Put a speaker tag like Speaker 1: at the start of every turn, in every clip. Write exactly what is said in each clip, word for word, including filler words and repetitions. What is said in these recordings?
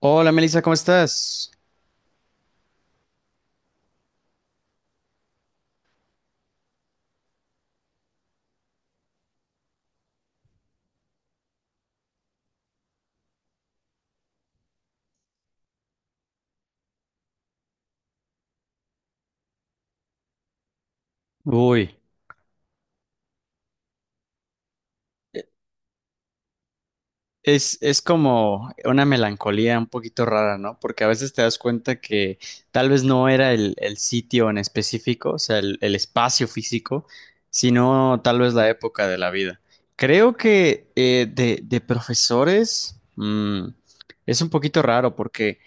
Speaker 1: Hola Melissa, ¿cómo estás? Uy, es, es como una melancolía un poquito rara, ¿no? Porque a veces te das cuenta que tal vez no era el, el sitio en específico, o sea, el, el espacio físico, sino tal vez la época de la vida. Creo que eh, de, de profesores mm, es un poquito raro porque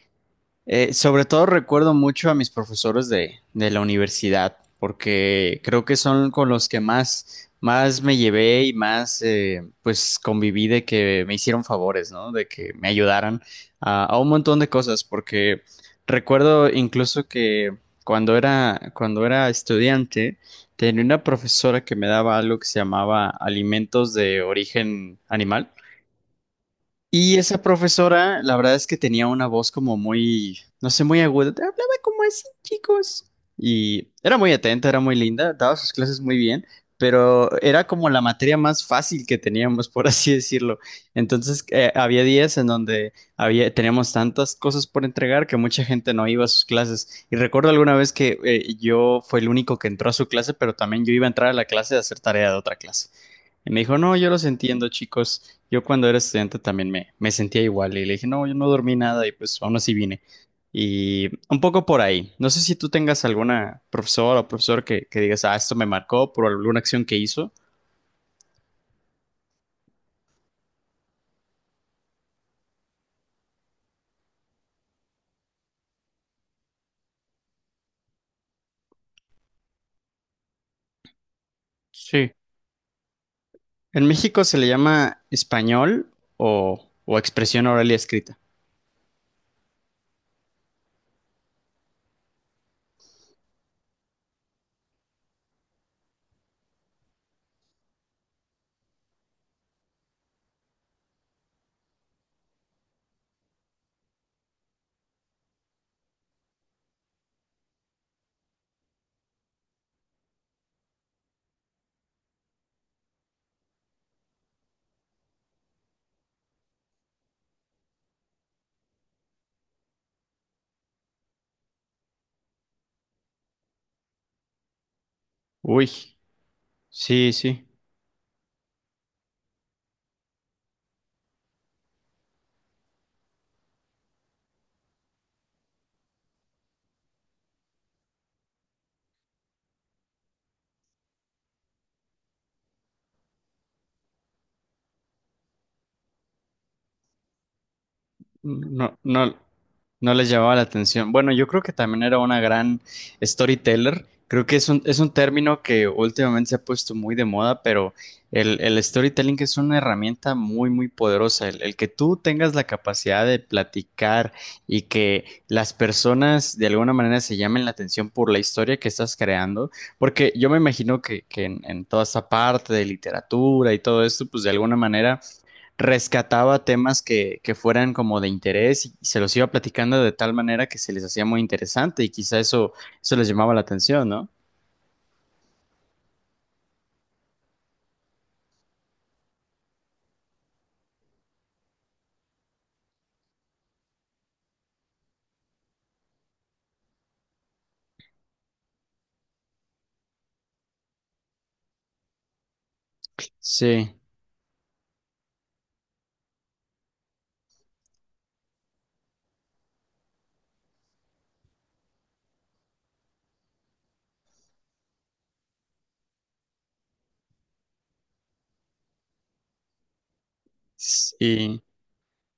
Speaker 1: Eh, sobre todo recuerdo mucho a mis profesores de, de la universidad, porque creo que son con los que más, más me llevé y más eh, pues conviví de que me hicieron favores, ¿no? De que me ayudaran a, a un montón de cosas, porque recuerdo incluso que cuando era, cuando era estudiante, tenía una profesora que me daba algo que se llamaba alimentos de origen animal. Y esa profesora, la verdad es que tenía una voz como muy, no sé, muy aguda. Te hablaba como así, chicos. Y era muy atenta, era muy linda, daba sus clases muy bien, pero era como la materia más fácil que teníamos, por así decirlo. Entonces, eh, había días en donde había, teníamos tantas cosas por entregar que mucha gente no iba a sus clases. Y recuerdo alguna vez que eh, yo fue el único que entró a su clase, pero también yo iba a entrar a la clase de hacer tarea de otra clase. Y me dijo, no, yo los entiendo, chicos. Yo cuando era estudiante también me, me sentía igual y le dije, no, yo no dormí nada y pues aún así vine. Y un poco por ahí. No sé si tú tengas alguna profesora o profesor que, que digas, ah, esto me marcó por alguna acción que hizo. Sí. En México se le llama español o, o expresión oral y escrita. Uy, sí, sí. No, no, no les llamaba la atención. Bueno, yo creo que también era una gran storyteller. Creo que es un, es un término que últimamente se ha puesto muy de moda, pero el, el storytelling es una herramienta muy, muy poderosa. El, el que tú tengas la capacidad de platicar y que las personas de alguna manera se llamen la atención por la historia que estás creando, porque yo me imagino que, que en, en toda esta parte de literatura y todo esto, pues de alguna manera rescataba temas que, que fueran como de interés y se los iba platicando de tal manera que se les hacía muy interesante y quizá eso, eso les llamaba la atención, ¿no? Sí, sí.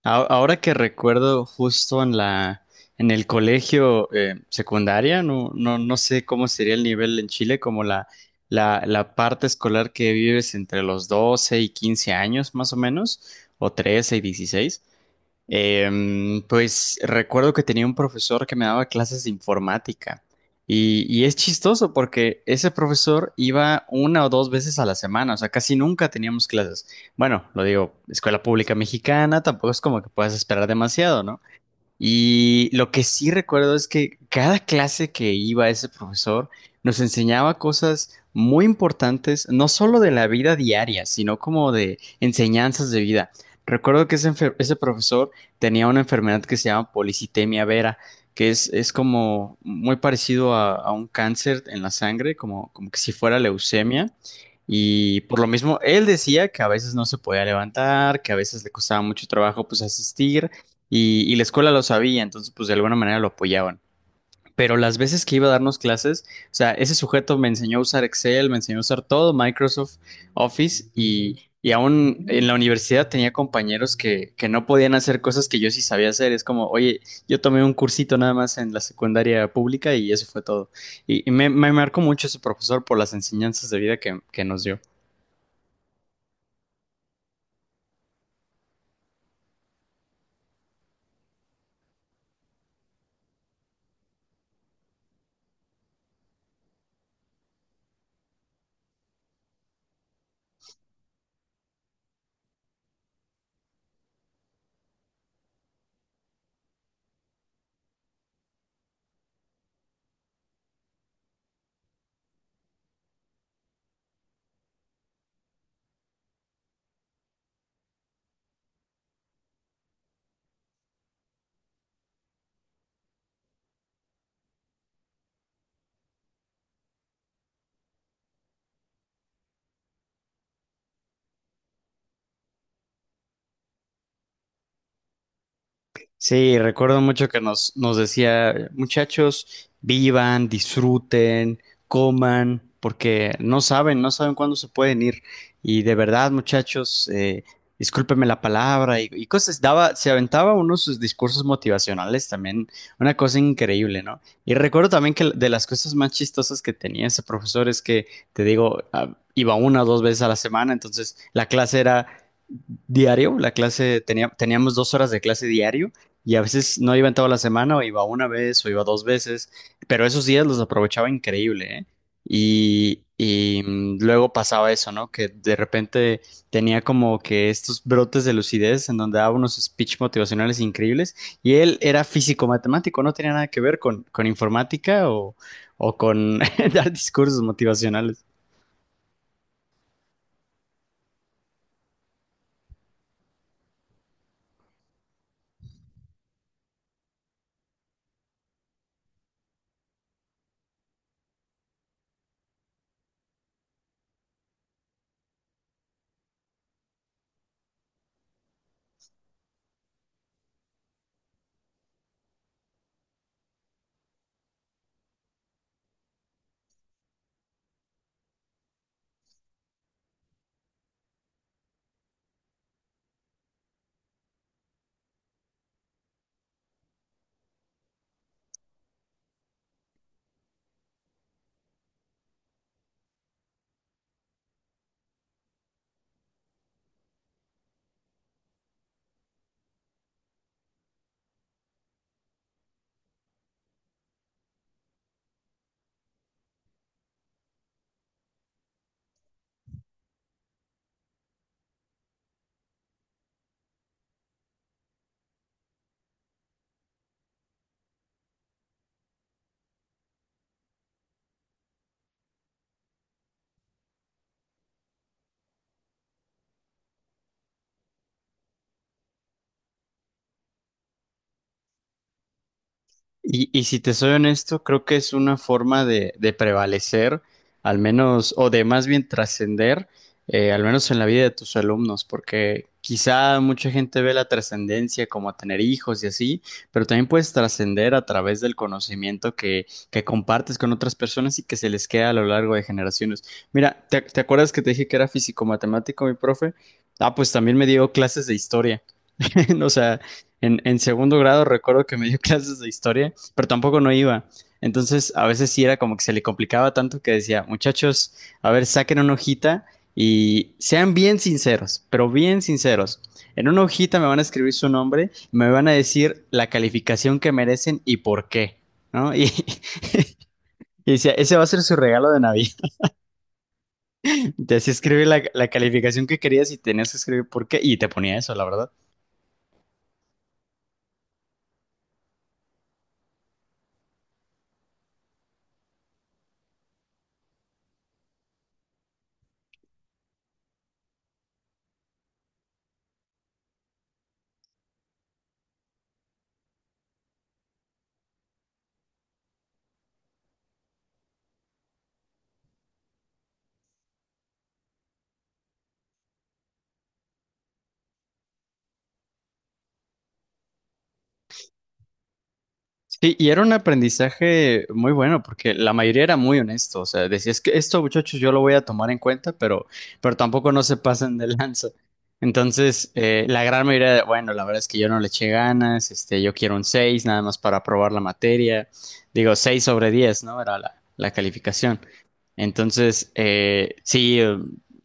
Speaker 1: A- ahora que recuerdo justo en la, en el colegio eh, secundaria, no, no, no sé cómo sería el nivel en Chile, como la, la, la parte escolar que vives entre los doce y quince años más o menos, o trece y dieciséis. Em, pues recuerdo que tenía un profesor que me daba clases de informática y, y es chistoso porque ese profesor iba una o dos veces a la semana, o sea, casi nunca teníamos clases. Bueno, lo digo, escuela pública mexicana, tampoco es como que puedas esperar demasiado, ¿no? Y lo que sí recuerdo es que cada clase que iba ese profesor nos enseñaba cosas muy importantes, no solo de la vida diaria, sino como de enseñanzas de vida. Recuerdo que ese, enfer- ese profesor tenía una enfermedad que se llama policitemia vera, que es, es como muy parecido a, a un cáncer en la sangre, como, como que si fuera leucemia. Y por lo mismo, él decía que a veces no se podía levantar, que a veces le costaba mucho trabajo pues asistir y, y la escuela lo sabía, entonces pues de alguna manera lo apoyaban. Pero las veces que iba a darnos clases, o sea, ese sujeto me enseñó a usar Excel, me enseñó a usar todo, Microsoft Office y, y aún en la universidad tenía compañeros que, que no podían hacer cosas que yo sí sabía hacer. Es como, oye, yo tomé un cursito nada más en la secundaria pública y eso fue todo. Y, y me, me marcó mucho ese profesor por las enseñanzas de vida que, que nos dio. Sí, recuerdo mucho que nos, nos decía, muchachos, vivan, disfruten, coman, porque no saben, no saben cuándo se pueden ir. Y de verdad, muchachos, eh, discúlpenme la palabra y, y cosas. Daba, se aventaba uno de sus discursos motivacionales también, una cosa increíble, ¿no? Y recuerdo también que de las cosas más chistosas que tenía ese profesor es que, te digo, ah, iba una o dos veces a la semana, entonces la clase era diario, la clase tenía, teníamos dos horas de clase diario y a veces no iba en toda la semana, o iba una vez, o iba dos veces, pero esos días los aprovechaba increíble, ¿eh? Y, y mm, luego pasaba eso, ¿no? Que de repente tenía como que estos brotes de lucidez en donde daba unos speech motivacionales increíbles y él era físico-matemático, no tenía nada que ver con, con informática o, o con dar discursos motivacionales. Y, y si te soy honesto, creo que es una forma de, de prevalecer, al menos, o de más bien trascender, eh, al menos en la vida de tus alumnos, porque quizá mucha gente ve la trascendencia como tener hijos y así, pero también puedes trascender a través del conocimiento que, que compartes con otras personas y que se les queda a lo largo de generaciones. Mira, ¿te, te acuerdas que te dije que era físico-matemático mi profe? Ah, pues también me dio clases de historia. O sea, en, en segundo grado recuerdo que me dio clases de historia, pero tampoco no iba. Entonces, a veces sí era como que se le complicaba tanto que decía, muchachos, a ver, saquen una hojita y sean bien sinceros, pero bien sinceros. En una hojita me van a escribir su nombre, me van a decir la calificación que merecen y por qué, ¿no? Y, y decía, ese va a ser su regalo de Navidad. Te hacía escribir la, la calificación que querías y tenías que escribir por qué. Y te ponía eso, la verdad. Sí, y era un aprendizaje muy bueno porque la mayoría era muy honesto, o sea, decía, es que esto, muchachos, yo lo voy a tomar en cuenta, pero, pero tampoco no se pasen de lanza. Entonces, eh, la gran mayoría de, bueno, la verdad es que yo no le eché ganas, este, yo quiero un seis, nada más para aprobar la materia, digo, seis sobre diez, ¿no? Era la, la calificación. Entonces, eh, sí, eh,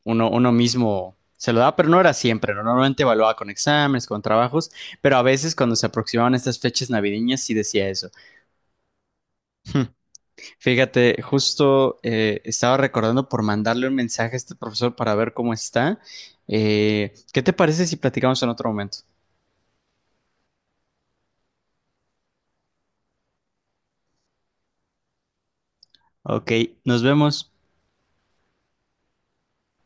Speaker 1: uno, uno mismo se lo daba, pero no era siempre, ¿no? normalmente evaluaba con exámenes, con trabajos, pero a veces cuando se aproximaban estas fechas navideñas sí decía eso. Hm, Fíjate, justo eh, estaba recordando por mandarle un mensaje a este profesor para ver cómo está. Eh, ¿qué te parece si platicamos en otro momento? Ok, nos vemos.